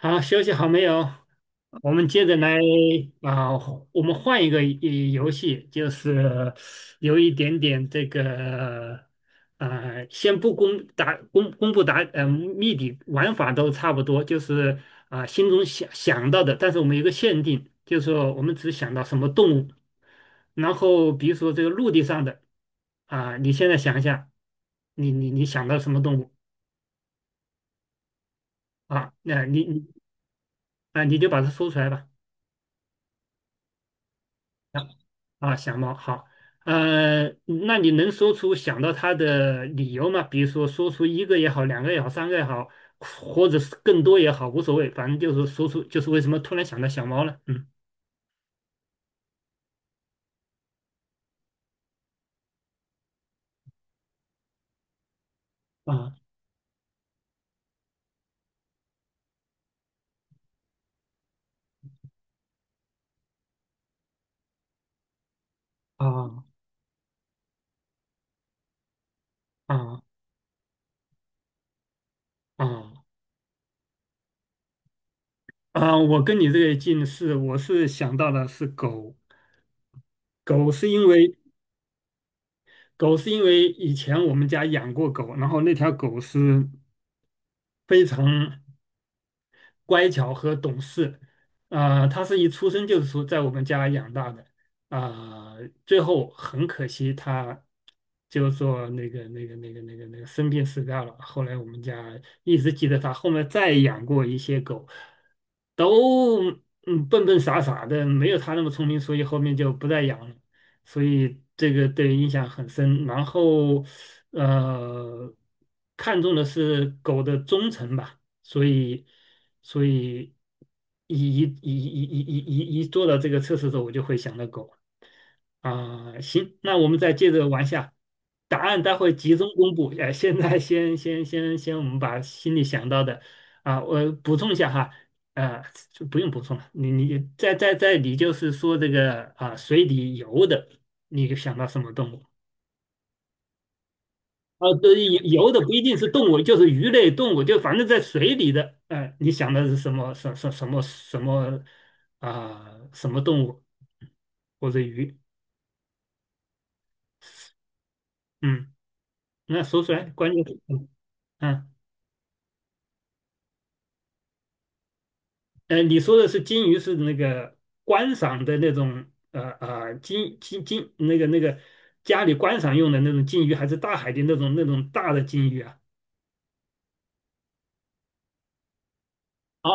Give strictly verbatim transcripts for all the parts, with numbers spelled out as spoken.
好，休息好没有？我们接着来。啊、我们换一个一游戏，就是有一点点这个呃，先不公答公公布答呃谜底，玩法都差不多，就是啊、心中想想到的，但是我们有一个限定，就是说我们只想到什么动物。然后比如说这个陆地上的，啊、你现在想一下，你你你想到什么动物？啊？那你你啊、你就把它说出来吧。啊，小猫好。呃，那你能说出想到它的理由吗？比如说说出一个也好，两个也好，三个也好，或者是更多也好，无所谓，反正就是说出就是为什么突然想到小猫了。嗯。啊啊啊啊啊！我跟你这个近似，我是想到的是狗。狗是因为狗是因为以前我们家养过狗，然后那条狗是非常乖巧和懂事。啊、他是一出生就是说在我们家养大的。啊、最后很可惜他就是说那个那个那个那个那个生病死掉了。后来我们家一直记得他，后面再养过一些狗，都嗯笨笨傻傻的，没有他那么聪明，所以后面就不再养了。所以这个对印象很深。然后，呃，看重的是狗的忠诚吧。所以，所以一一一一一一一一做到这个测试的时候，我就会想到狗啊。行，那我们再接着往下，答案待会集中公布。哎，现在先先先先，我们把心里想到的。啊，我补充一下哈。呃，就不用补充了。你你在在在，你就是说这个啊，水里游的，你想到什么动物？啊，对，游的不一定是动物，就是鱼类动物，就反正在水里的。哎，你想的是什么什什什么什么啊、什么动物或者鱼？嗯，那说出来，关键是。嗯，啊。呃，你说的是金鱼，是那个观赏的那种呃呃金金金那个那个家里观赏用的那种金鱼，还是大海的那种那种大的金鱼啊？哦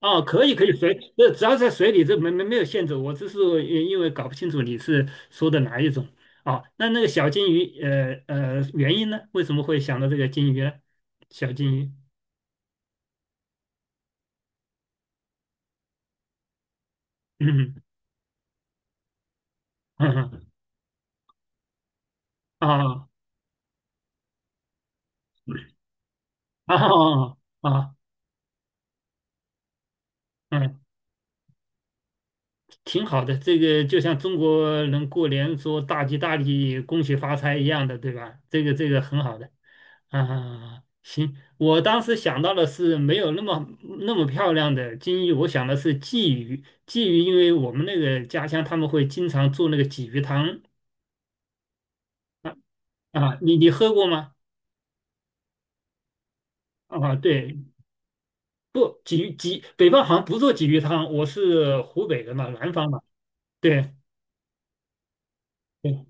哦，哦可以可以，水，这只要在水里，这没没没有限制。我只是呃因为搞不清楚你是说的哪一种。哦。那那个小金鱼，呃呃，原因呢？为什么会想到这个金鱼呢？小金鱼，嗯嗯嗯。啊啊啊啊，嗯挺好的。这个就像中国人过年说"大吉大利，恭喜发财"一样的，对吧？这个这个很好的啊。行，我当时想到的是没有那么那么漂亮的金鱼，我想的是鲫鱼。鲫鱼，因为我们那个家乡他们会经常做那个鲫鱼汤啊，你你喝过吗？啊，对。不，鲫鱼鲫北方好像不做鲫鱼汤，我是湖北的嘛，南方嘛。对。对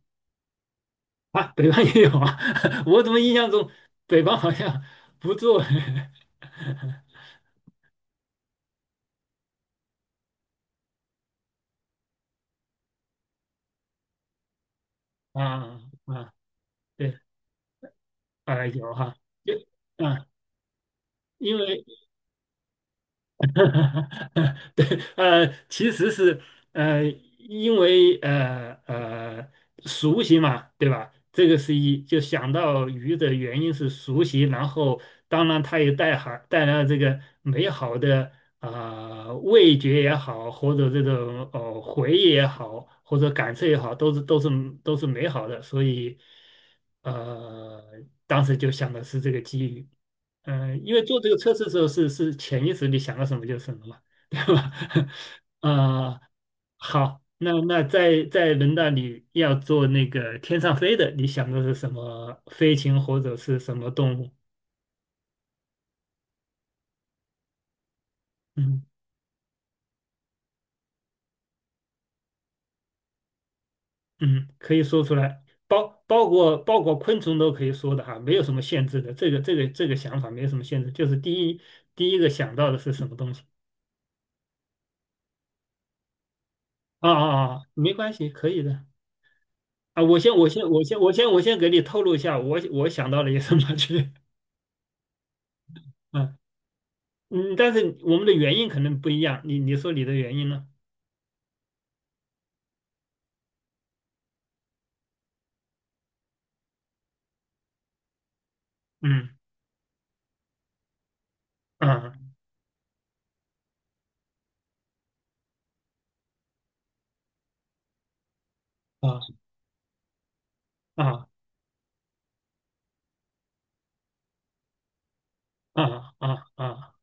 啊，北方也有啊。我怎么印象中北方好像不做。 啊啊，对，啊有哈，就啊，因为 对。呃，其实是。呃，因为呃呃熟悉嘛，对吧？这个是一就想到鱼的原因是熟悉，然后当然它也带含带来了这个美好的。啊、呃味觉也好，或者这种呃回忆也好，或者感受也好，都是都是都是美好的，所以呃当时就想的是这个机遇。嗯，呃因为做这个测试的时候是是潜意识你想到什么就是什么嘛，对吧？啊、好。那那在在轮到你要做那个天上飞的，你想的是什么飞禽或者是什么动物？嗯嗯，可以说出来，包包括包括昆虫都可以说的哈，没有什么限制的。这个这个这个想法没有什么限制，就是第一第一个想到的是什么东西？啊啊啊，啊没关系，可以的。啊，我先，我先，我先，我先，我先给你透露一下，我我想到了一个什么去。啊，嗯，但是我们的原因可能不一样，你你说你的原因呢？嗯啊啊啊啊啊啊，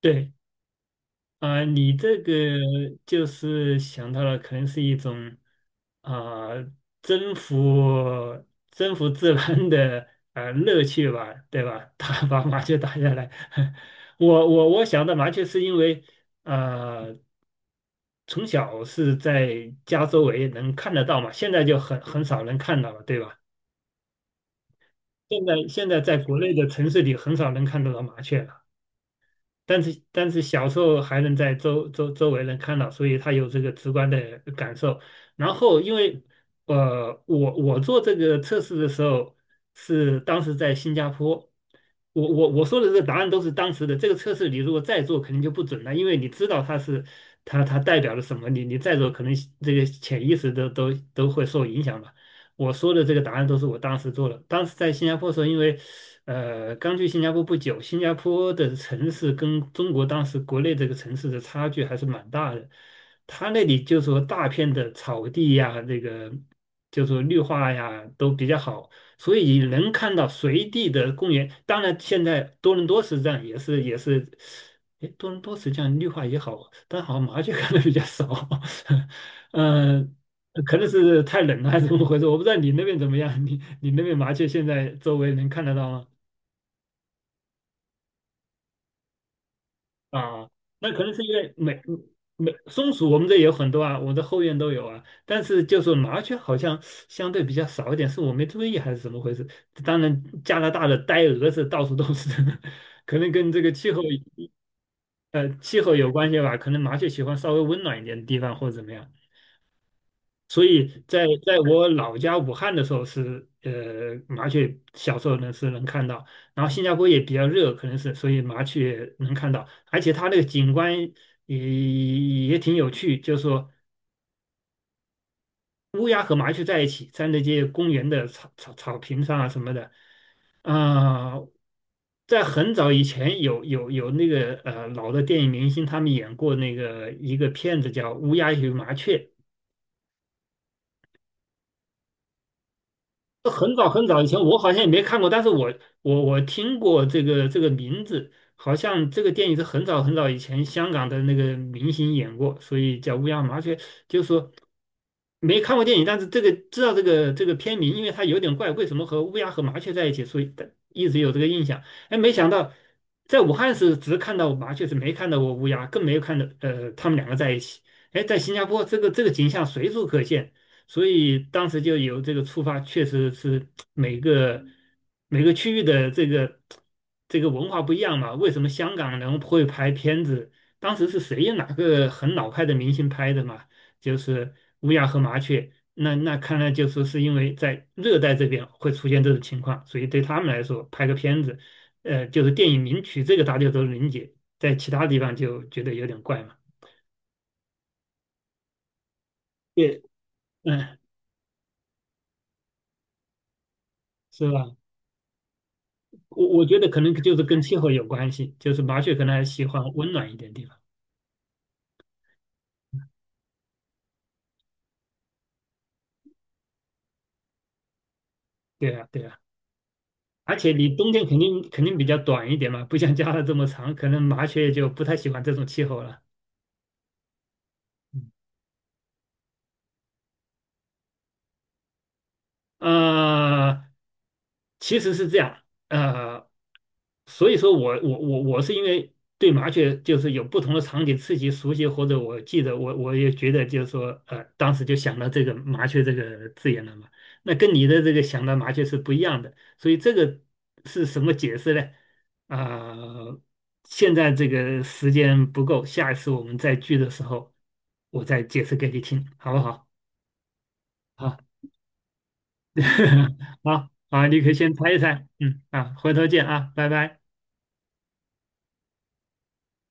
对啊，你这个就是想到了，可能是一种啊征服征服自然的呃乐趣吧，对吧？打把麻雀打下来，我我我想到麻雀是因为。啊。从小是在家周围能看得到嘛，现在就很很少能看到了，对吧？现在现在在国内的城市里很少能看得到麻雀了。但是但是小时候还能在周周周围能看到，所以他有这个直观的感受。然后因为呃，我我做这个测试的时候是当时在新加坡。我我我说的这个答案都是当时的。这个测试你如果再做，肯定就不准了，因为你知道它是它它代表了什么，你你再做可能这个潜意识都都都会受影响吧。我说的这个答案都是我当时做的。当时在新加坡的时候，因为呃，刚去新加坡不久，新加坡的城市跟中国当时国内这个城市的差距还是蛮大的。他那里就说大片的草地呀，这个就说绿化呀都比较好，所以能看到随地的公园。当然，现在多伦多实际上也是也是，哎，多伦多实际上绿化也好，但好像麻雀看的比较少。嗯。可能是太冷了还是怎么回事？我不知道你那边怎么样，你你那边麻雀现在周围能看得到吗？啊，那可能是因为美美松鼠，我们这也有很多啊，我的后院都有啊。但是就是麻雀好像相对比较少一点，是我没注意还是怎么回事？当然，加拿大的呆鹅是到处都是，可能跟这个气候呃气候有关系吧。可能麻雀喜欢稍微温暖一点的地方或者怎么样。所以在在我老家武汉的时候是呃麻雀，小时候呢是能看到，然后新加坡也比较热，可能是所以麻雀能看到。而且它那个景观也也挺有趣，就是说乌鸦和麻雀在一起，在那些公园的草草草坪上啊什么的。啊、在很早以前有有有那个呃老的电影明星他们演过那个一个片子叫《乌鸦与麻雀》。很早很早以前，我好像也没看过，但是我我我听过这个这个名字。好像这个电影是很早很早以前香港的那个明星演过，所以叫《乌鸦麻雀》，就是说没看过电影，但是这个知道这个这个片名，因为它有点怪，为什么和乌鸦和麻雀在一起，所以一直有这个印象。哎，没想到在武汉是只看到麻雀，是没看到过乌鸦，更没有看到呃他们两个在一起。哎，在新加坡这个这个景象随处可见。所以当时就有这个出发，确实是每个每个区域的这个这个文化不一样嘛。为什么香港人会拍片子？当时是谁哪个很老派的明星拍的嘛？就是乌鸦和麻雀。那那看来就说是因为在热带这边会出现这种情况，所以对他们来说拍个片子，呃，就是电影名曲这个大家都能理解，在其他地方就觉得有点怪嘛。对。嗯，是吧？我我觉得可能就是跟气候有关系，就是麻雀可能还喜欢温暖一点地方。对呀对呀，而且你冬天肯定肯定比较短一点嘛，不像加拿大这么长，可能麻雀就不太喜欢这种气候了。嗯呃，其实是这样。呃，所以说我我我我是因为对麻雀就是有不同的场景刺激熟悉，或者我记得我我也觉得就是说，呃，当时就想到这个麻雀这个字眼了嘛。那跟你的这个想到麻雀是不一样的，所以这个是什么解释呢？啊、现在这个时间不够，下一次我们再聚的时候，我再解释给你听，好不好？啊。好啊，你可以先猜一猜，嗯啊，回头见啊，拜拜。